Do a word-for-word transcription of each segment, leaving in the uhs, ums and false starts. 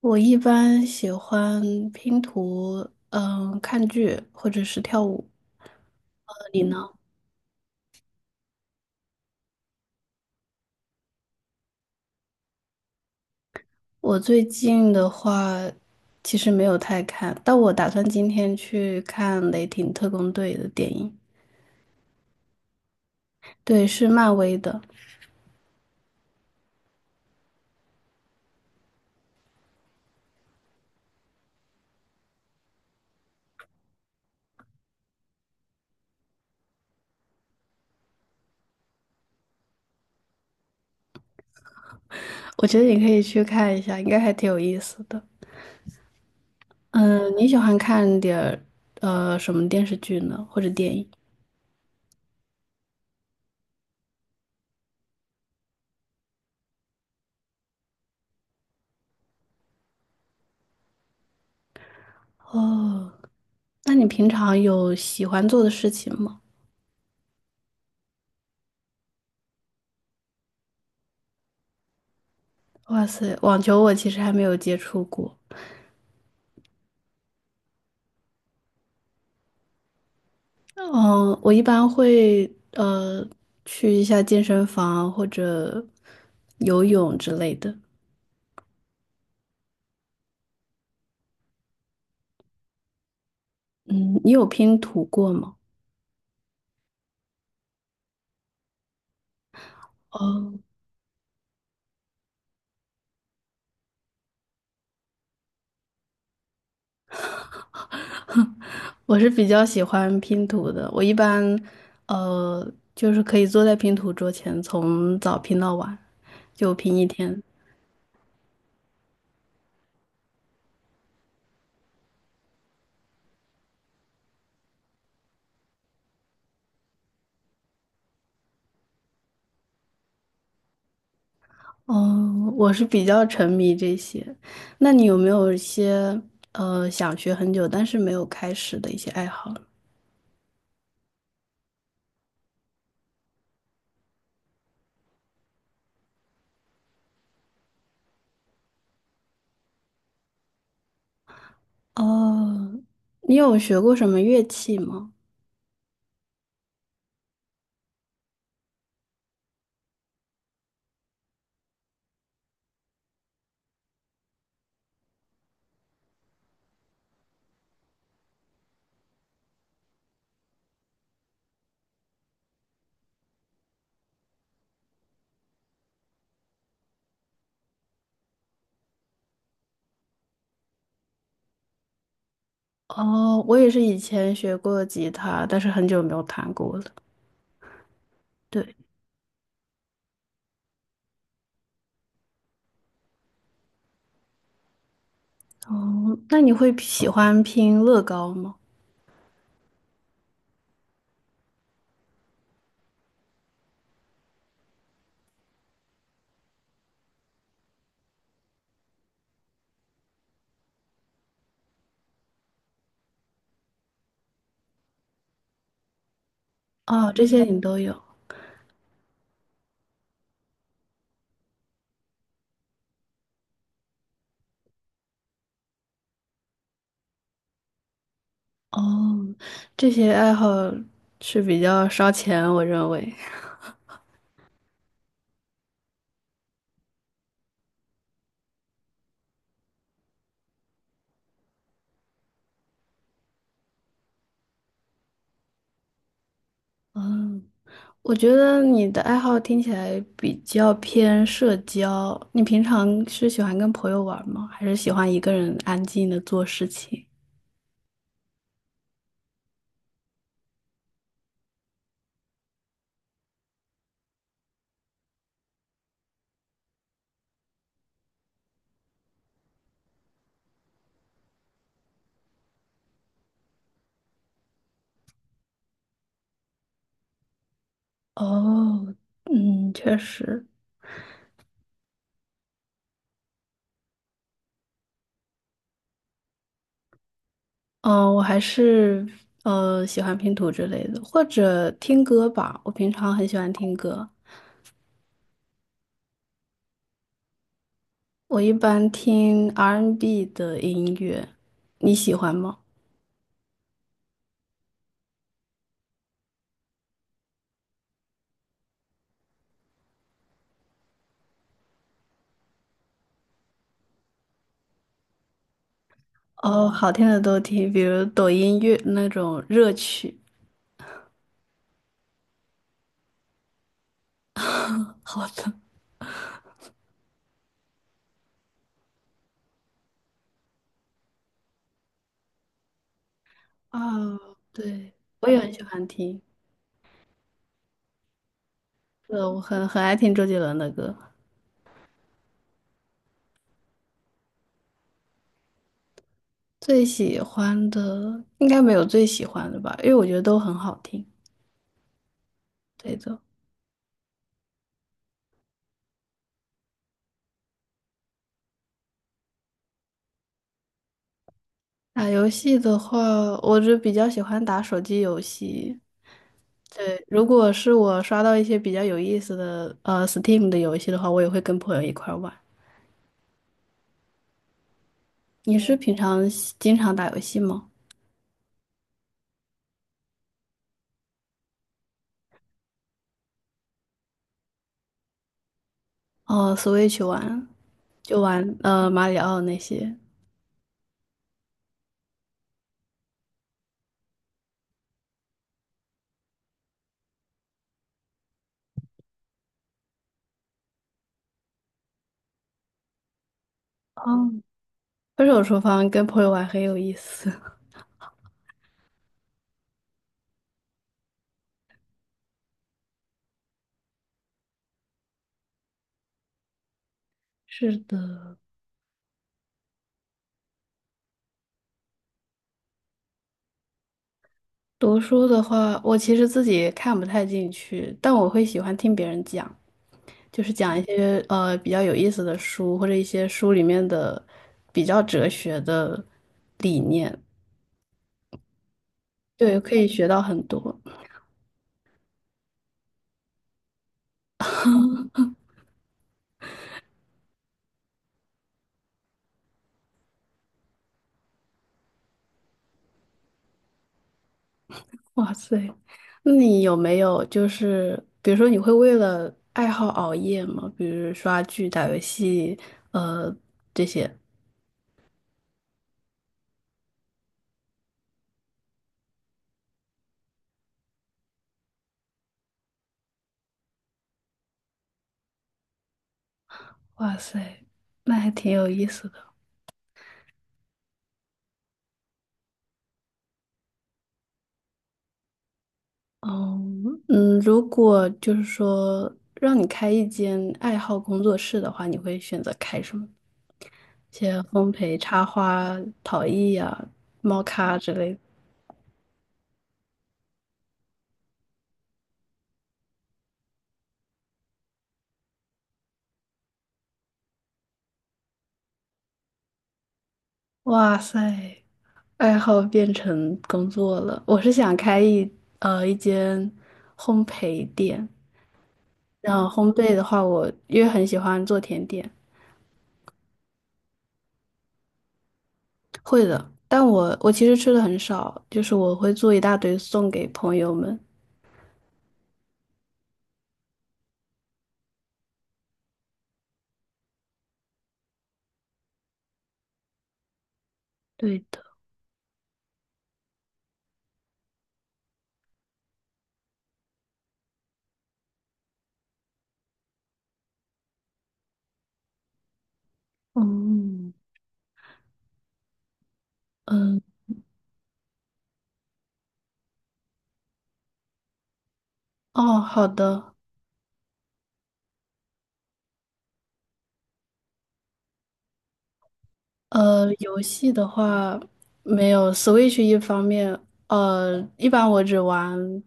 我一般喜欢拼图，嗯，看剧或者是跳舞。呃你呢？我最近的话，其实没有太看，但我打算今天去看《雷霆特工队》的电影。对，是漫威的。我觉得你可以去看一下，应该还挺有意思的。嗯，你喜欢看点儿呃什么电视剧呢，或者电影？哦，那你平常有喜欢做的事情吗？哇塞，网球我其实还没有接触过。嗯，我一般会呃去一下健身房或者游泳之类的。嗯，你有拼图过吗？哦，我是比较喜欢拼图的。我一般呃就是可以坐在拼图桌前，从早拼到晚，就拼一天。哦，我是比较沉迷这些。那你有没有一些呃想学很久但是没有开始的一些爱好呢？哦，你有学过什么乐器吗？哦，我也是以前学过吉他，但是很久没有弹过了。对。哦，那你会喜欢拼乐高吗？哦，这些你都有。哦，这些爱好是比较烧钱，我认为。嗯，我觉得你的爱好听起来比较偏社交。你平常是喜欢跟朋友玩吗？还是喜欢一个人安静的做事情？哦，嗯，确实。嗯，我还是呃喜欢拼图之类的，或者听歌吧。我平常很喜欢听歌，我一般听 R and B n 的音乐，你喜欢吗？哦，好听的都听，比如抖音乐那种热曲。好的。 啊，对，我也很喜欢听。对，我很很爱听周杰伦的歌。最喜欢的应该没有最喜欢的吧，因为我觉得都很好听。对的。打游戏的话，我就比较喜欢打手机游戏。对，如果是我刷到一些比较有意思的呃 Steam 的游戏的话，我也会跟朋友一块儿玩。你是平常喜经常打游戏吗？哦，Switch 玩就玩呃马里奥那些。哦，分手厨房跟朋友玩很有意思。是的。读书的话，我其实自己看不太进去，但我会喜欢听别人讲。就是讲一些呃比较有意思的书，或者一些书里面的比较哲学的理念。对，可以学到很多。哇塞，那你有没有就是比如说你会为了爱好熬夜吗？比如刷剧、打游戏，呃这些。哇塞，那还挺有意思的。哦，嗯，如果就是说让你开一间爱好工作室的话，你会选择开什么？些烘焙、插花、陶艺呀、猫咖之类的。哇塞，爱好变成工作了。我是想开一呃一间烘焙店，然后烘焙的话我，因为很喜欢做甜点。会的。但我我其实吃的很少，就是我会做一大堆送给朋友们。对的，嗯。嗯哦，好的。呃，游戏的话没有 Switch 一方面，呃，一般我只玩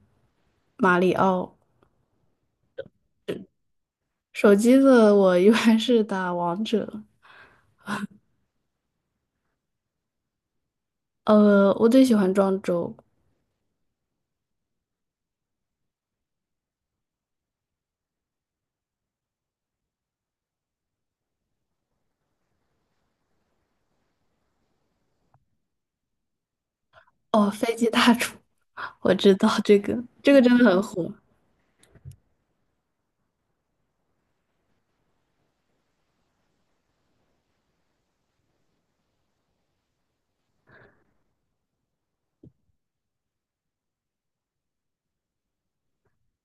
马里奥。手机的我一般是打王者。呃，我最喜欢庄周。哦，飞机大厨，我知道这个，这个真的很火。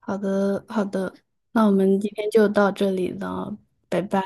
好的，好的，那我们今天就到这里了，拜拜。